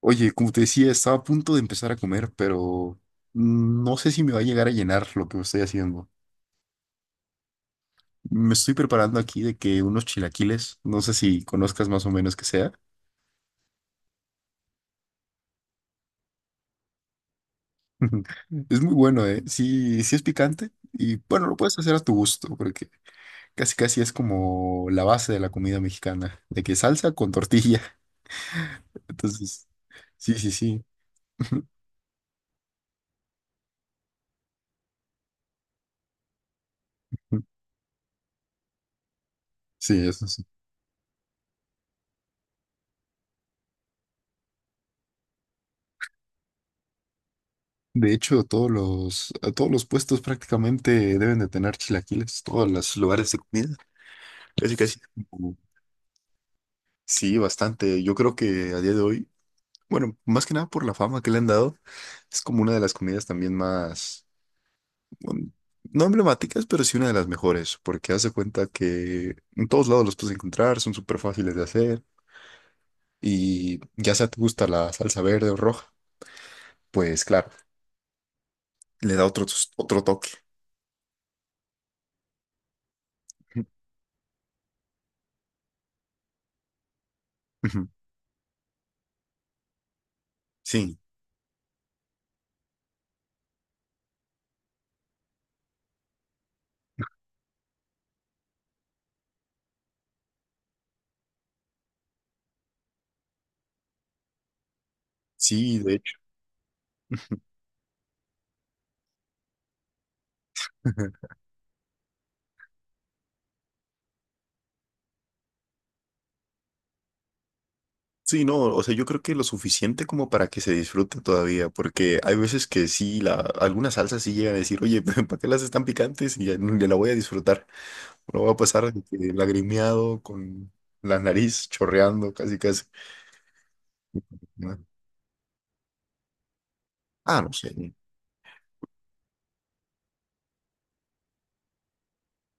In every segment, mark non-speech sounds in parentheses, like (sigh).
Oye, como te decía, estaba a punto de empezar a comer, pero no sé si me va a llegar a llenar lo que estoy haciendo. Me estoy preparando aquí de que unos chilaquiles, no sé si conozcas más o menos que sea. (laughs) Es muy bueno, ¿eh? Sí, sí es picante y bueno, lo puedes hacer a tu gusto, porque casi casi es como la base de la comida mexicana, de que salsa con tortilla. (laughs) Entonces, sí, sí, sí. (laughs) Sí, eso sí. De hecho, a todos los puestos prácticamente deben de tener chilaquiles, todos los lugares de comida. Casi, casi. Mm. Sí, bastante. Yo creo que a día de hoy, bueno, más que nada por la fama que le han dado, es como una de las comidas también más, bueno, no emblemáticas, pero sí una de las mejores, porque hace cuenta que en todos lados los puedes encontrar, son súper fáciles de hacer y ya sea te gusta la salsa verde o roja, pues claro, le da otro toque. (laughs) Ujú. Sí, sí, de hecho. (laughs) Sí, no, o sea, yo creo que lo suficiente como para que se disfrute todavía, porque hay veces que sí, algunas salsas sí llegan a decir, oye, (laughs) ¿para qué las están picantes? Y ya, ya la voy a disfrutar. No va a pasar de que lagrimeado con la nariz chorreando casi casi. ¿No? Ah, no sé.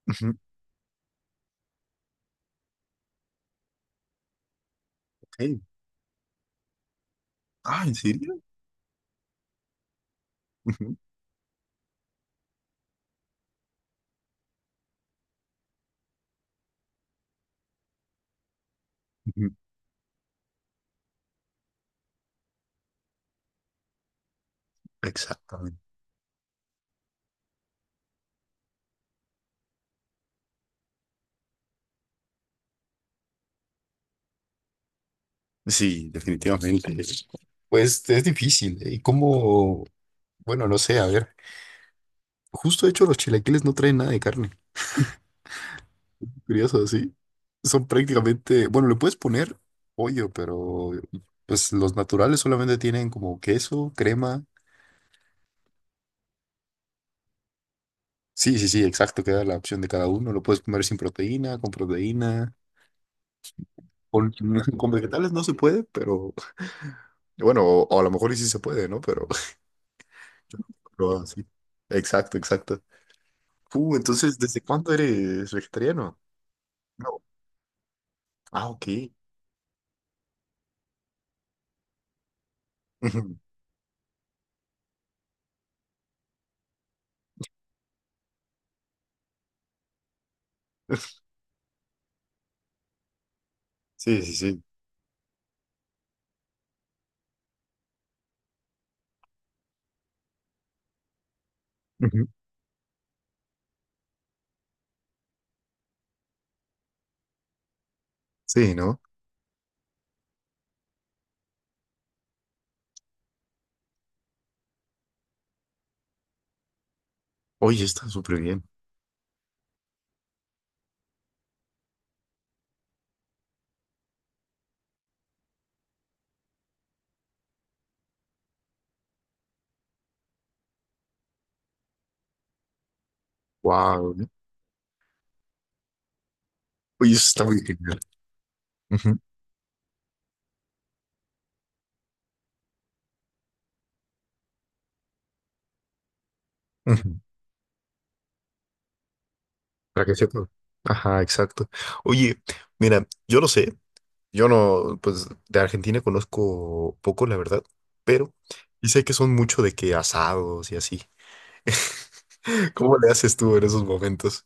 Ujú, ok. Ah, ¿en serio? Ujú, ujú. Exactamente. Sí, definitivamente. Pues es difícil, ¿eh? ¿Y cómo? Bueno, no sé, a ver. Justo de hecho, los chilaquiles no traen nada de carne. Curioso, sí. Son prácticamente, bueno, le puedes poner pollo, pero pues los naturales solamente tienen como queso, crema. Sí, sí, sí, exacto, queda la opción de cada uno. Lo puedes comer sin proteína, con proteína. Con, (laughs) con vegetales no se puede, pero bueno, o a lo mejor y sí se puede, ¿no? Pero, (laughs) pero así. Exacto, exacto. Entonces, ¿desde cuándo eres vegetariano? No. Ah, ok. (laughs) Sí, sí, sí. Ujú. Sí, ¿no? Oye, está súper bien. Wow. Oye, eso está muy genial. Ujú, ujú. Para que sepa. Ajá, exacto. Oye, mira, yo no sé, yo no, pues de Argentina conozco poco, la verdad, pero y sé que son mucho de que asados y así. (laughs) ¿Cómo le haces tú en esos momentos?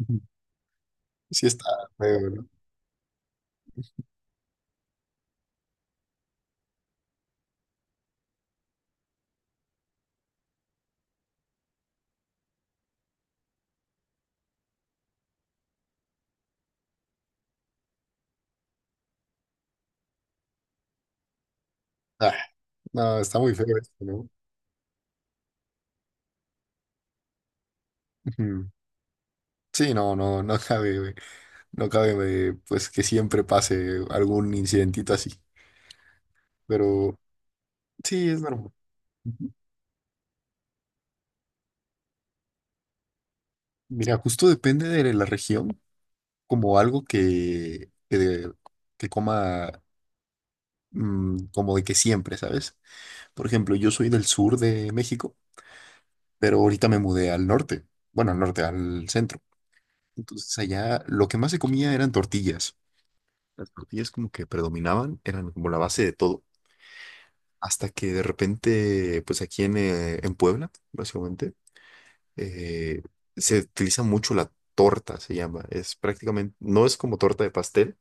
Ujú. Sí está feo, ¿no? Ah, no, está muy feo esto, ¿no? Ujú. Sí, no, no, no cabe, güey. No cabe, pues que siempre pase algún incidentito así, pero sí, es normal. Mira, justo depende de la región, como algo que, que coma como de que siempre, ¿sabes? Por ejemplo, yo soy del sur de México, pero ahorita me mudé al norte, bueno, al norte, al centro. Entonces allá lo que más se comía eran tortillas. Las tortillas como que predominaban, eran como la base de todo, hasta que de repente, pues aquí en Puebla, básicamente, eh, se utiliza mucho la torta, se llama. Es prácticamente, no es como torta de pastel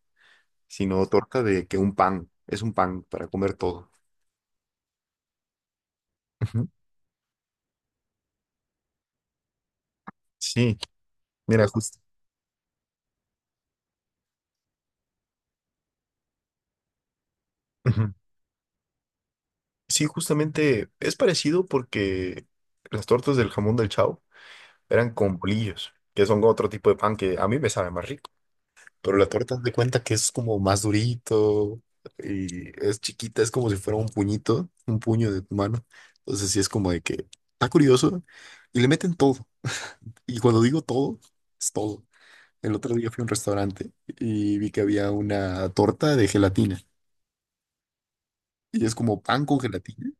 sino torta de que un pan, es un pan para comer todo. Ujú. Sí, mira, justo. Sí, justamente es parecido porque las tortas del jamón del Chao eran con bolillos, que son otro tipo de pan que a mí me sabe más rico. Pero la torta haz de cuenta que es como más durito y es chiquita, es como si fuera un puñito, un puño de tu mano. Entonces sí es como de que está curioso y le meten todo. Y cuando digo todo, es todo. El otro día fui a un restaurante y vi que había una torta de gelatina. Y es como pan con gelatina.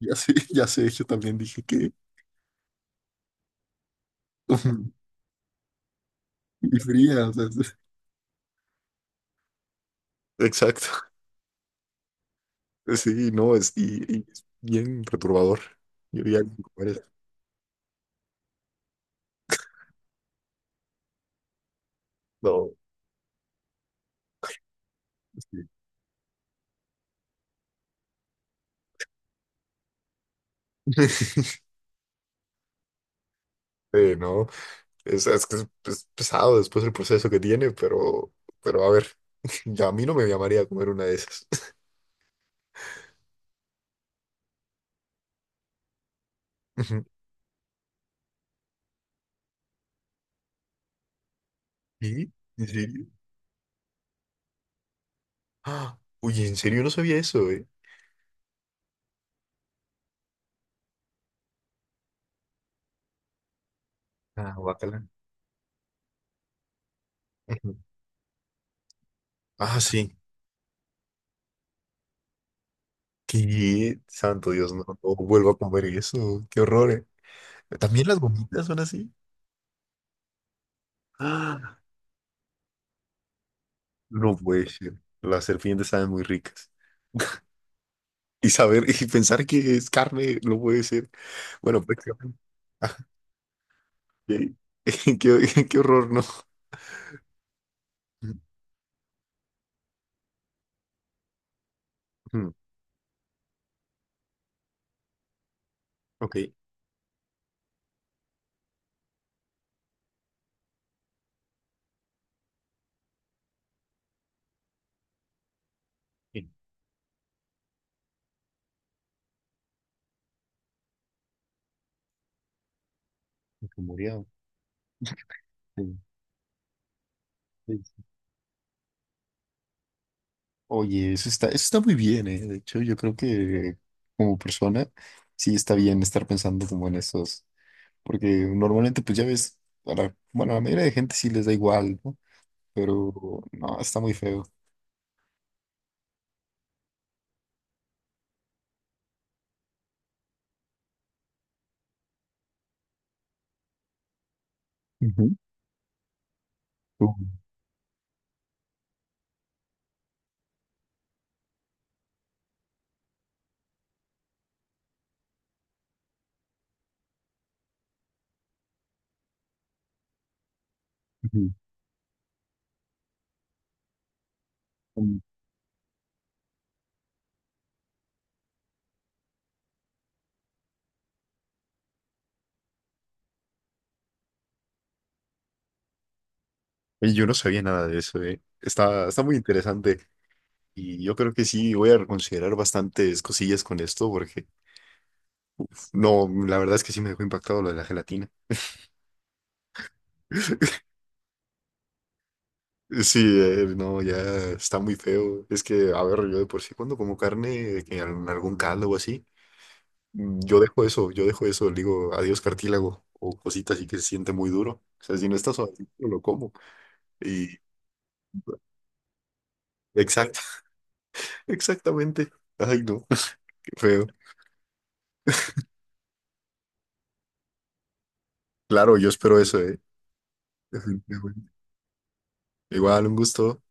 Ya sé, (laughs) ya sé, yo también dije que... (laughs) Y fría, o sea, es- Exacto. Sí, no, es, y es bien perturbador. Yo ya no puedo comer eso. No, sí. (laughs) No, es que es pesado después el proceso que tiene, pero a ver, (laughs) ya a mí no me llamaría a comer una de esas. (laughs) Ujú. ¿Y? ¿En serio? Ah, uy, en serio no sabía eso, eh. Ah, bacala. (laughs) Ah, sí. Qué santo Dios, no, no vuelvo a comer eso. Qué horror, eh. También las gomitas son así. Ah, no puede ser. Las serpientes saben muy ricas. Y saber y pensar que es carne no puede ser. Bueno, prácticamente. Ah, qué, (laughs) qué horror, ¿no? Mm, ok. Eh, rumoreado. Sí, sí, sí. Oye, eso está muy bien, ¿eh? De hecho, yo creo que como persona sí está bien estar pensando como en esos. Porque normalmente, pues ya ves, bueno, a la mayoría de gente sí les da igual, ¿no? Pero no, está muy feo. Ujú, ujú, ujú. Mm. Oye, yo no sabía nada de eso, eh. Está, está muy interesante y yo creo que sí voy a reconsiderar bastantes cosillas con esto porque no, la verdad es que sí me dejó impactado lo de la gelatina. (laughs) Sí, no, ya está muy feo. Es que, a ver, yo de por sí cuando como carne, que en algún caldo o así, mm, yo dejo eso, yo dejo eso, le digo adiós cartílago o cositas así que se siente muy duro. O sea, si no está suavecito, no lo como. Y exacto, (laughs) exactamente. Ay, no, (laughs) qué feo. Claro, yo espero eso, ¿eh? Definitivamente. Igual, un gusto.